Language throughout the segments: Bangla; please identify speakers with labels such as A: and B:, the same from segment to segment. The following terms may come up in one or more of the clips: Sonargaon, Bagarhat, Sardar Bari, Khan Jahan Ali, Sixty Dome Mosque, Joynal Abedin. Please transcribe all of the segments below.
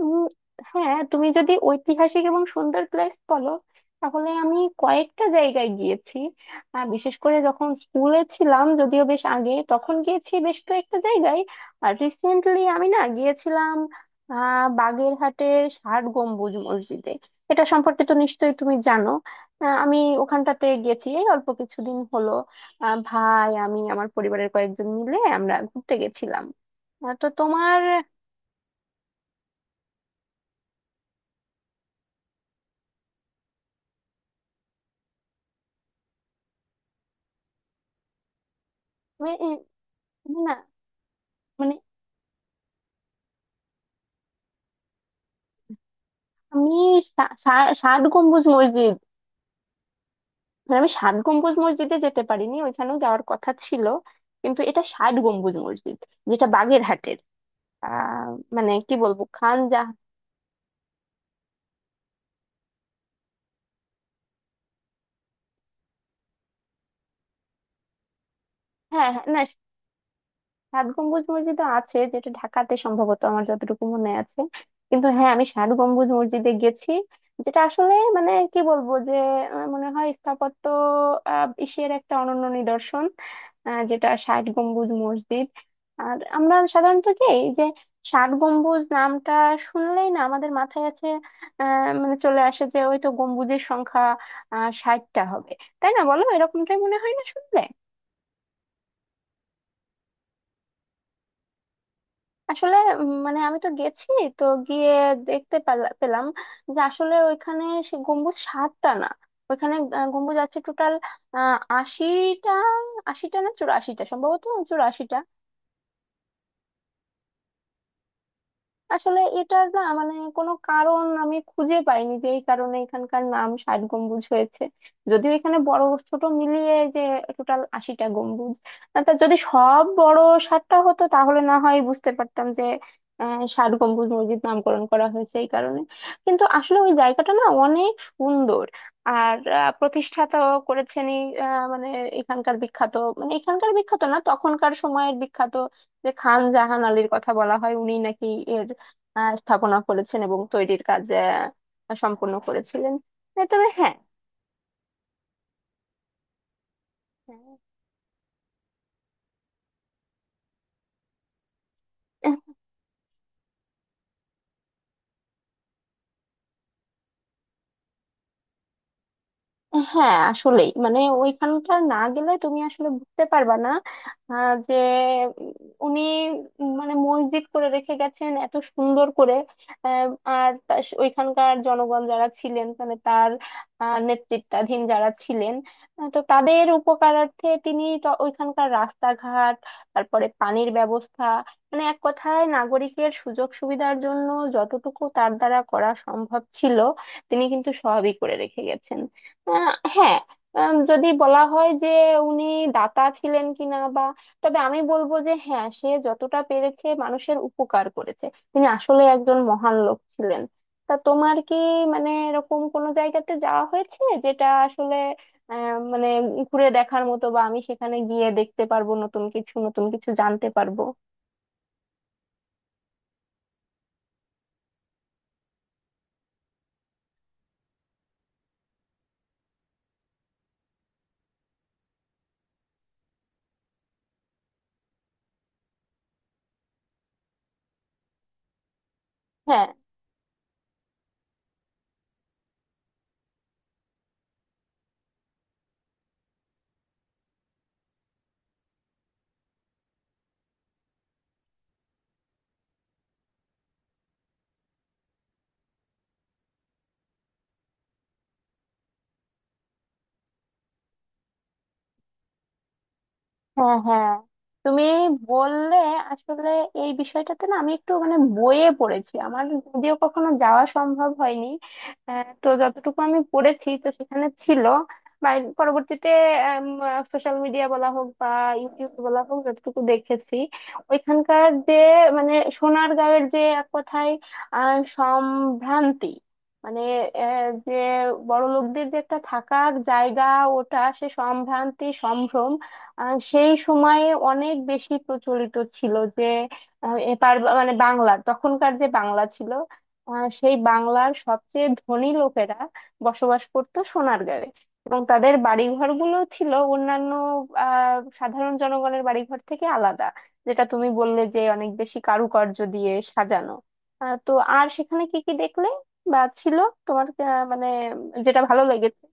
A: উম, হ্যাঁ, তুমি যদি ঐতিহাসিক এবং সুন্দর প্লেস বলো, তাহলে আমি কয়েকটা জায়গায় গিয়েছি। বিশেষ করে যখন স্কুলে ছিলাম, যদিও বেশ আগে, তখন গিয়েছি বেশ কয়েকটা জায়গায়। আর রিসেন্টলি আমি না গিয়েছিলাম বাগেরহাটের ষাট গম্বুজ মসজিদে। এটা সম্পর্কে তো নিশ্চয়ই তুমি জানো। আমি ওখানটাতে গেছি এই অল্প কিছুদিন হলো। ভাই, আমি আমার পরিবারের কয়েকজন মিলে আমরা ঘুরতে গেছিলাম। তো তোমার... এ- এ- না, মানে আমি সা- সা- ষাট গম্বুজ মসজিদ। মানে আমি ষাট গম্বুজ মসজিদে যেতে পারিনি, ওইখানেও যাওয়ার কথা ছিল, কিন্তু এটা ষাট গম্বুজ মসজিদ, যেটা বাগেরহাটের। আহ মানে কি বলবো, খান জাহ... হ্যাঁ, হ্যাঁ, না, ষাট গম্বুজ মসজিদ আছে যেটা ঢাকাতে, সম্ভবত আমার যতটুকু মনে আছে। কিন্তু হ্যাঁ, আমি ষাট গম্বুজ মসজিদে গেছি, যেটা আসলে মানে কি বলবো যে মনে হয় স্থাপত্য, এশিয়ার একটা অনন্য নিদর্শন, যেটা ষাট গম্বুজ মসজিদ। আর আমরা সাধারণত কি এই যে ষাট গম্বুজ নামটা শুনলেই না আমাদের মাথায় আছে, মানে চলে আসে যে ওই তো গম্বুজের সংখ্যা 60টা হবে, তাই না, বলো? এরকমটাই মনে হয় না শুনলে। আসলে, মানে আমি তো গেছি, তো গিয়ে দেখতে পেলাম যে আসলে ওইখানে সে গম্বুজ সাতটা না, ওইখানে গম্বুজ আছে টোটাল 80টা। আশিটা না, 84টা সম্ভবত। 84টা। আসলে এটার না মানে কোনো কারণ আমি খুঁজে পাইনি যে এই কারণে এখানকার নাম ষাট গম্বুজ হয়েছে, যদিও এখানে বড়, ছোট মিলিয়ে যে টোটাল 80টা গম্বুজ, আর তা যদি সব বড় 60টা হতো, তাহলে না হয় বুঝতে পারতাম যে ষাট গম্বুজ মসজিদ নামকরণ করা হয়েছে এই কারণে। কিন্তু আসলে ওই জায়গাটা না অনেক সুন্দর। আর প্রতিষ্ঠাতাও করেছেন এই মানে এখানকার বিখ্যাত, মানে এখানকার বিখ্যাত না তখনকার সময়ের বিখ্যাত যে খান জাহান আলীর কথা বলা হয়, উনি নাকি স্থাপনা করেছেন এবং তৈরির কাজ সম্পূর্ণ করেছিলেন। এ তবে... হ্যাঁ, হ্যাঁ, আসলেই মানে ওইখানকার না গেলে তুমি আসলে বুঝতে পারবা না আহ, যে উম, উনি মানে মসজিদ করে রেখে গেছেন এত সুন্দর করে। আর ওইখানকার জনগণ যারা ছিলেন, মানে তার নেতৃত্বাধীন যারা ছিলেন, তো তাদের উপকারার্থে তিনি তো ওইখানকার রাস্তাঘাট, তারপরে পানির ব্যবস্থা, মানে এক কথায় নাগরিকের সুযোগ সুবিধার জন্য যতটুকু তার দ্বারা করা সম্ভব ছিল, তিনি কিন্তু সবই করে রেখে গেছেন। হ্যাঁ। যদি বলা হয় যে উনি দাতা ছিলেন কিনা বা, তবে আমি বলবো যে হ্যাঁ, সে যতটা পেরেছে মানুষের উপকার করেছে। তিনি আসলে একজন মহান লোক ছিলেন। তা তোমার কি মানে এরকম কোনো জায়গাতে যাওয়া হয়েছে যেটা আসলে মানে ঘুরে দেখার মতো, বা আমি সেখানে গিয়ে দেখতে পারবো, নতুন কিছু নতুন কিছু জানতে পারবো? হ্যাঁ, হ্যাঁ, হ্যাঁ। তুমি বললে আসলে এই বিষয়টাতে না আমি একটু মানে বইয়ে পড়েছি, আমার যদিও কখনো যাওয়া সম্ভব হয়নি। তো যতটুকু আমি পড়েছি, তো সেখানে ছিল বা পরবর্তীতে সোশ্যাল মিডিয়া বলা হোক বা ইউটিউব বলা হোক, যতটুকু দেখেছি ওইখানকার যে, মানে সোনারগাঁয়ের যে এক কথায় সম্ভ্রান্তি, মানে যে বড় লোকদের যে একটা থাকার জায়গা, ওটা সে সম্ভ্রান্তি সম্ভ্রম সেই সময়ে অনেক বেশি প্রচলিত ছিল যে এ মানে বাংলার তখনকার যে বাংলা ছিল, সেই বাংলার সবচেয়ে ধনী লোকেরা বসবাস করত সোনারগাঁয়ে। এবং তাদের বাড়িঘর গুলো ছিল অন্যান্য সাধারণ জনগণের বাড়িঘর থেকে আলাদা, যেটা তুমি বললে যে অনেক বেশি কারুকার্য দিয়ে সাজানো। তো আর সেখানে কি কি দেখলে বা ছিল তোমার, মানে যেটা ভালো লেগেছে?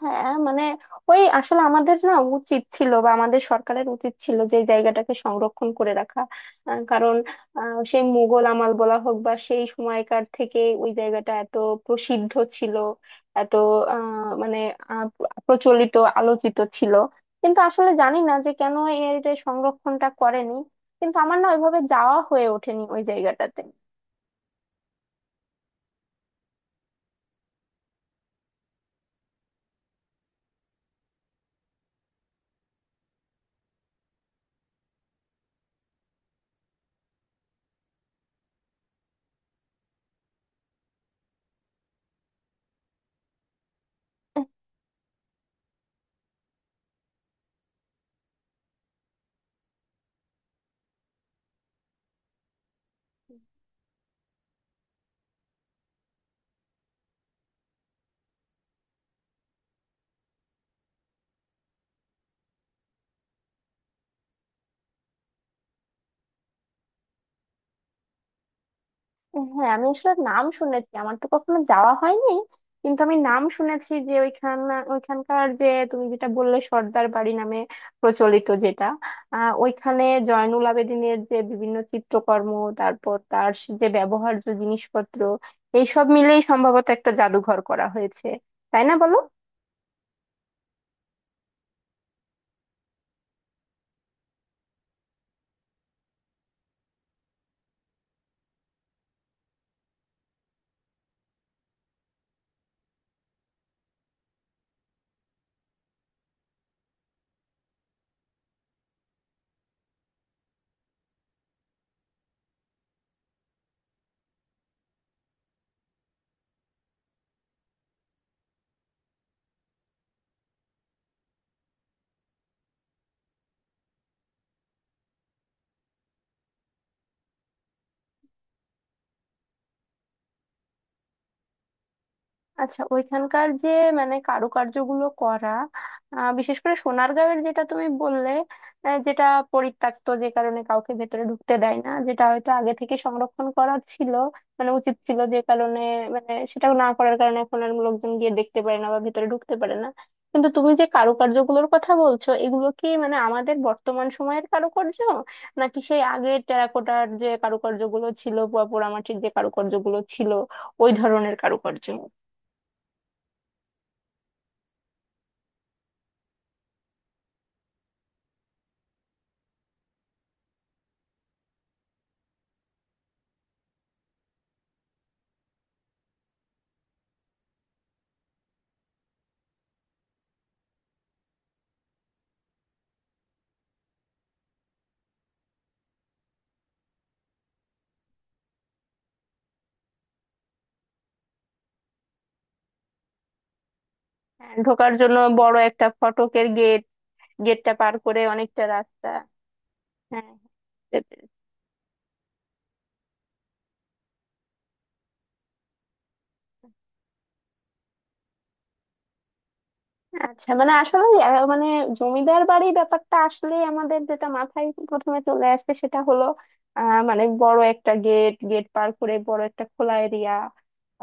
A: হ্যাঁ, মানে ওই আসলে আমাদের না উচিত ছিল বা আমাদের সরকারের উচিত ছিল যে এই জায়গাটাকে সংরক্ষণ করে রাখা। কারণ সেই মুঘল আমল বলা হোক বা সেই সময়কার থেকে ওই জায়গাটা এত প্রসিদ্ধ ছিল, এত মানে আহ, প্রচলিত, আলোচিত ছিল। কিন্তু আসলে জানি না যে কেন এর যে সংরক্ষণটা করেনি, কিন্তু আমার না ওইভাবে যাওয়া হয়ে ওঠেনি ওই জায়গাটাতে। হ্যাঁ, আমি আসলে নাম শুনেছি, আমার তো কখনো যাওয়া হয়নি, কিন্তু আমি নাম শুনেছি যে ওইখান, ওইখানকার যে তুমি যেটা বললে সর্দার বাড়ি নামে প্রচলিত, যেটা ওইখানে জয়নুল আবেদিনের যে বিভিন্ন চিত্রকর্ম, তারপর তার যে ব্যবহার্য জিনিসপত্র, এইসব মিলেই সম্ভবত একটা জাদুঘর করা হয়েছে। তাই না, বলো? আচ্ছা, ওইখানকার যে মানে কারুকার্যগুলো করা, বিশেষ করে সোনারগাঁওয়ের, যেটা তুমি বললে, যেটা পরিত্যক্ত যে কারণে কাউকে ভেতরে ঢুকতে দেয় না, যেটা হয়তো আগে থেকে সংরক্ষণ করা ছিল মানে উচিত ছিল যে কারণে, মানে সেটা না করার কারণে এখন আর লোকজন গিয়ে দেখতে পারে না বা ভেতরে ঢুকতে পারে না। কিন্তু তুমি যে কারুকার্যগুলোর কথা বলছো, এগুলো কি মানে আমাদের বর্তমান সময়ের কারুকার্য, নাকি সেই আগের টেরাকোটার যে কারুকার্যগুলো ছিল বা পোড়ামাটির যে কারুকার্যগুলো ছিল, ওই ধরনের কারুকার্য? হ্যাঁ, ঢোকার জন্য বড় একটা ফটকের গেট। গেটটা পার করে অনেকটা রাস্তা। হ্যাঁ, বুঝতে পেরেছি। আচ্ছা, মানে আসলে মানে জমিদার বাড়ি ব্যাপারটা আসলে আমাদের যেটা মাথায় প্রথমে চলে আসছে সেটা হলো মানে বড় একটা গেট, গেট পার করে বড় একটা খোলা এরিয়া,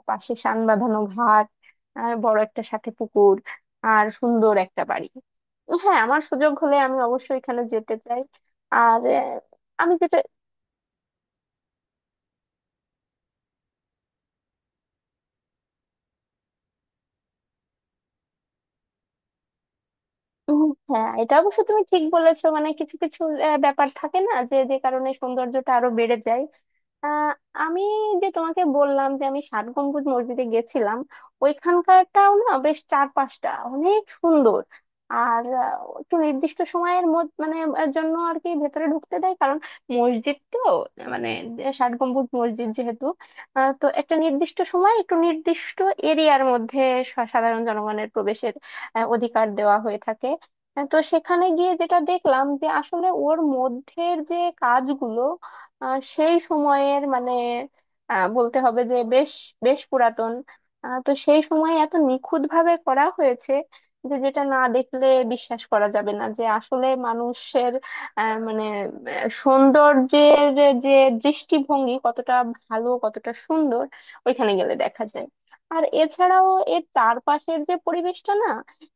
A: পাশে শান বাঁধানো ঘাট, আর বড় একটা সাথে পুকুর, আর সুন্দর একটা বাড়ি। হ্যাঁ, আমার সুযোগ হলে আমি অবশ্যই এখানে যেতে চাই। আর আমি যেটা... উম, হ্যাঁ, এটা অবশ্য তুমি ঠিক বলেছো, মানে কিছু কিছু ব্যাপার থাকে না যে যে কারণে সৌন্দর্যটা আরো বেড়ে যায়। আহ, আমি যে তোমাকে গেছিলাম যে আমি ষাট গম্বুজ মসজিদে গেছিলাম, ওইখানকারটাও না বেশ চার পাঁচটা অনেক সুন্দর। আর একটু নির্দিষ্ট সময়ের মধ্যে মানে জন্য আর কি ভেতরে ঢুকতে দেয়, কারণ মসজিদ তো, মানে ষাট গম্বুজ মসজিদ যেহেতু তো একটা নির্দিষ্ট সময় একটু নির্দিষ্ট এরিয়ার মধ্যে সাধারণ জনগণের প্রবেশের অধিকার দেওয়া হয়ে থাকে। তো সেখানে গিয়ে যেটা দেখলাম যে আসলে ওর মধ্যের যে কাজগুলো সেই সময়ের মানে বলতে হবে যে বেশ বেশ পুরাতন। তো সেই সময় এত নিখুঁত ভাবে করা হয়েছে যে যেটা না দেখলে বিশ্বাস করা যাবে না যে আসলে মানুষের মানে সৌন্দর্যের যে দৃষ্টিভঙ্গি কতটা ভালো, কতটা সুন্দর, ওইখানে গেলে দেখা যায়। আর এছাড়াও এর চারপাশের যে পরিবেশটা না,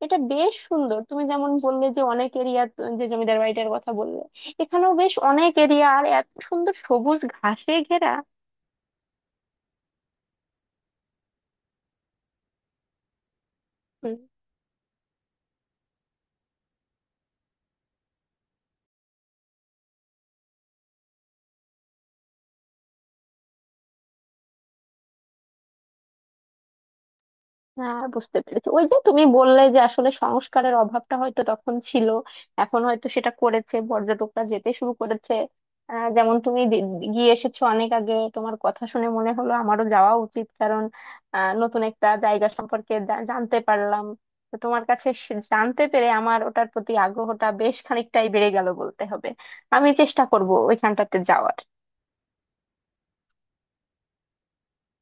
A: এটা বেশ সুন্দর। তুমি যেমন বললে যে অনেক এরিয়া, যে জমিদার বাড়িটার কথা বললে, এখানেও বেশ অনেক এরিয়া আর এত সুন্দর সবুজ ঘাসে ঘেরা। হুম, হ্যাঁ, বুঝতে পেরেছি। ওই যে তুমি বললে যে আসলে সংস্কারের অভাবটা হয়তো তখন ছিল, এখন হয়তো সেটা করেছে, পর্যটকরা যেতে শুরু করেছে। যেমন তুমি গিয়ে এসেছো অনেক আগে, তোমার কথা শুনে মনে হলো আমারও যাওয়া উচিত, কারণ নতুন একটা জায়গা সম্পর্কে জানতে পারলাম। তো তোমার কাছে জানতে পেরে আমার ওটার প্রতি আগ্রহটা বেশ খানিকটাই বেড়ে গেল, বলতে হবে আমি চেষ্টা করব ওইখানটাতে যাওয়ার।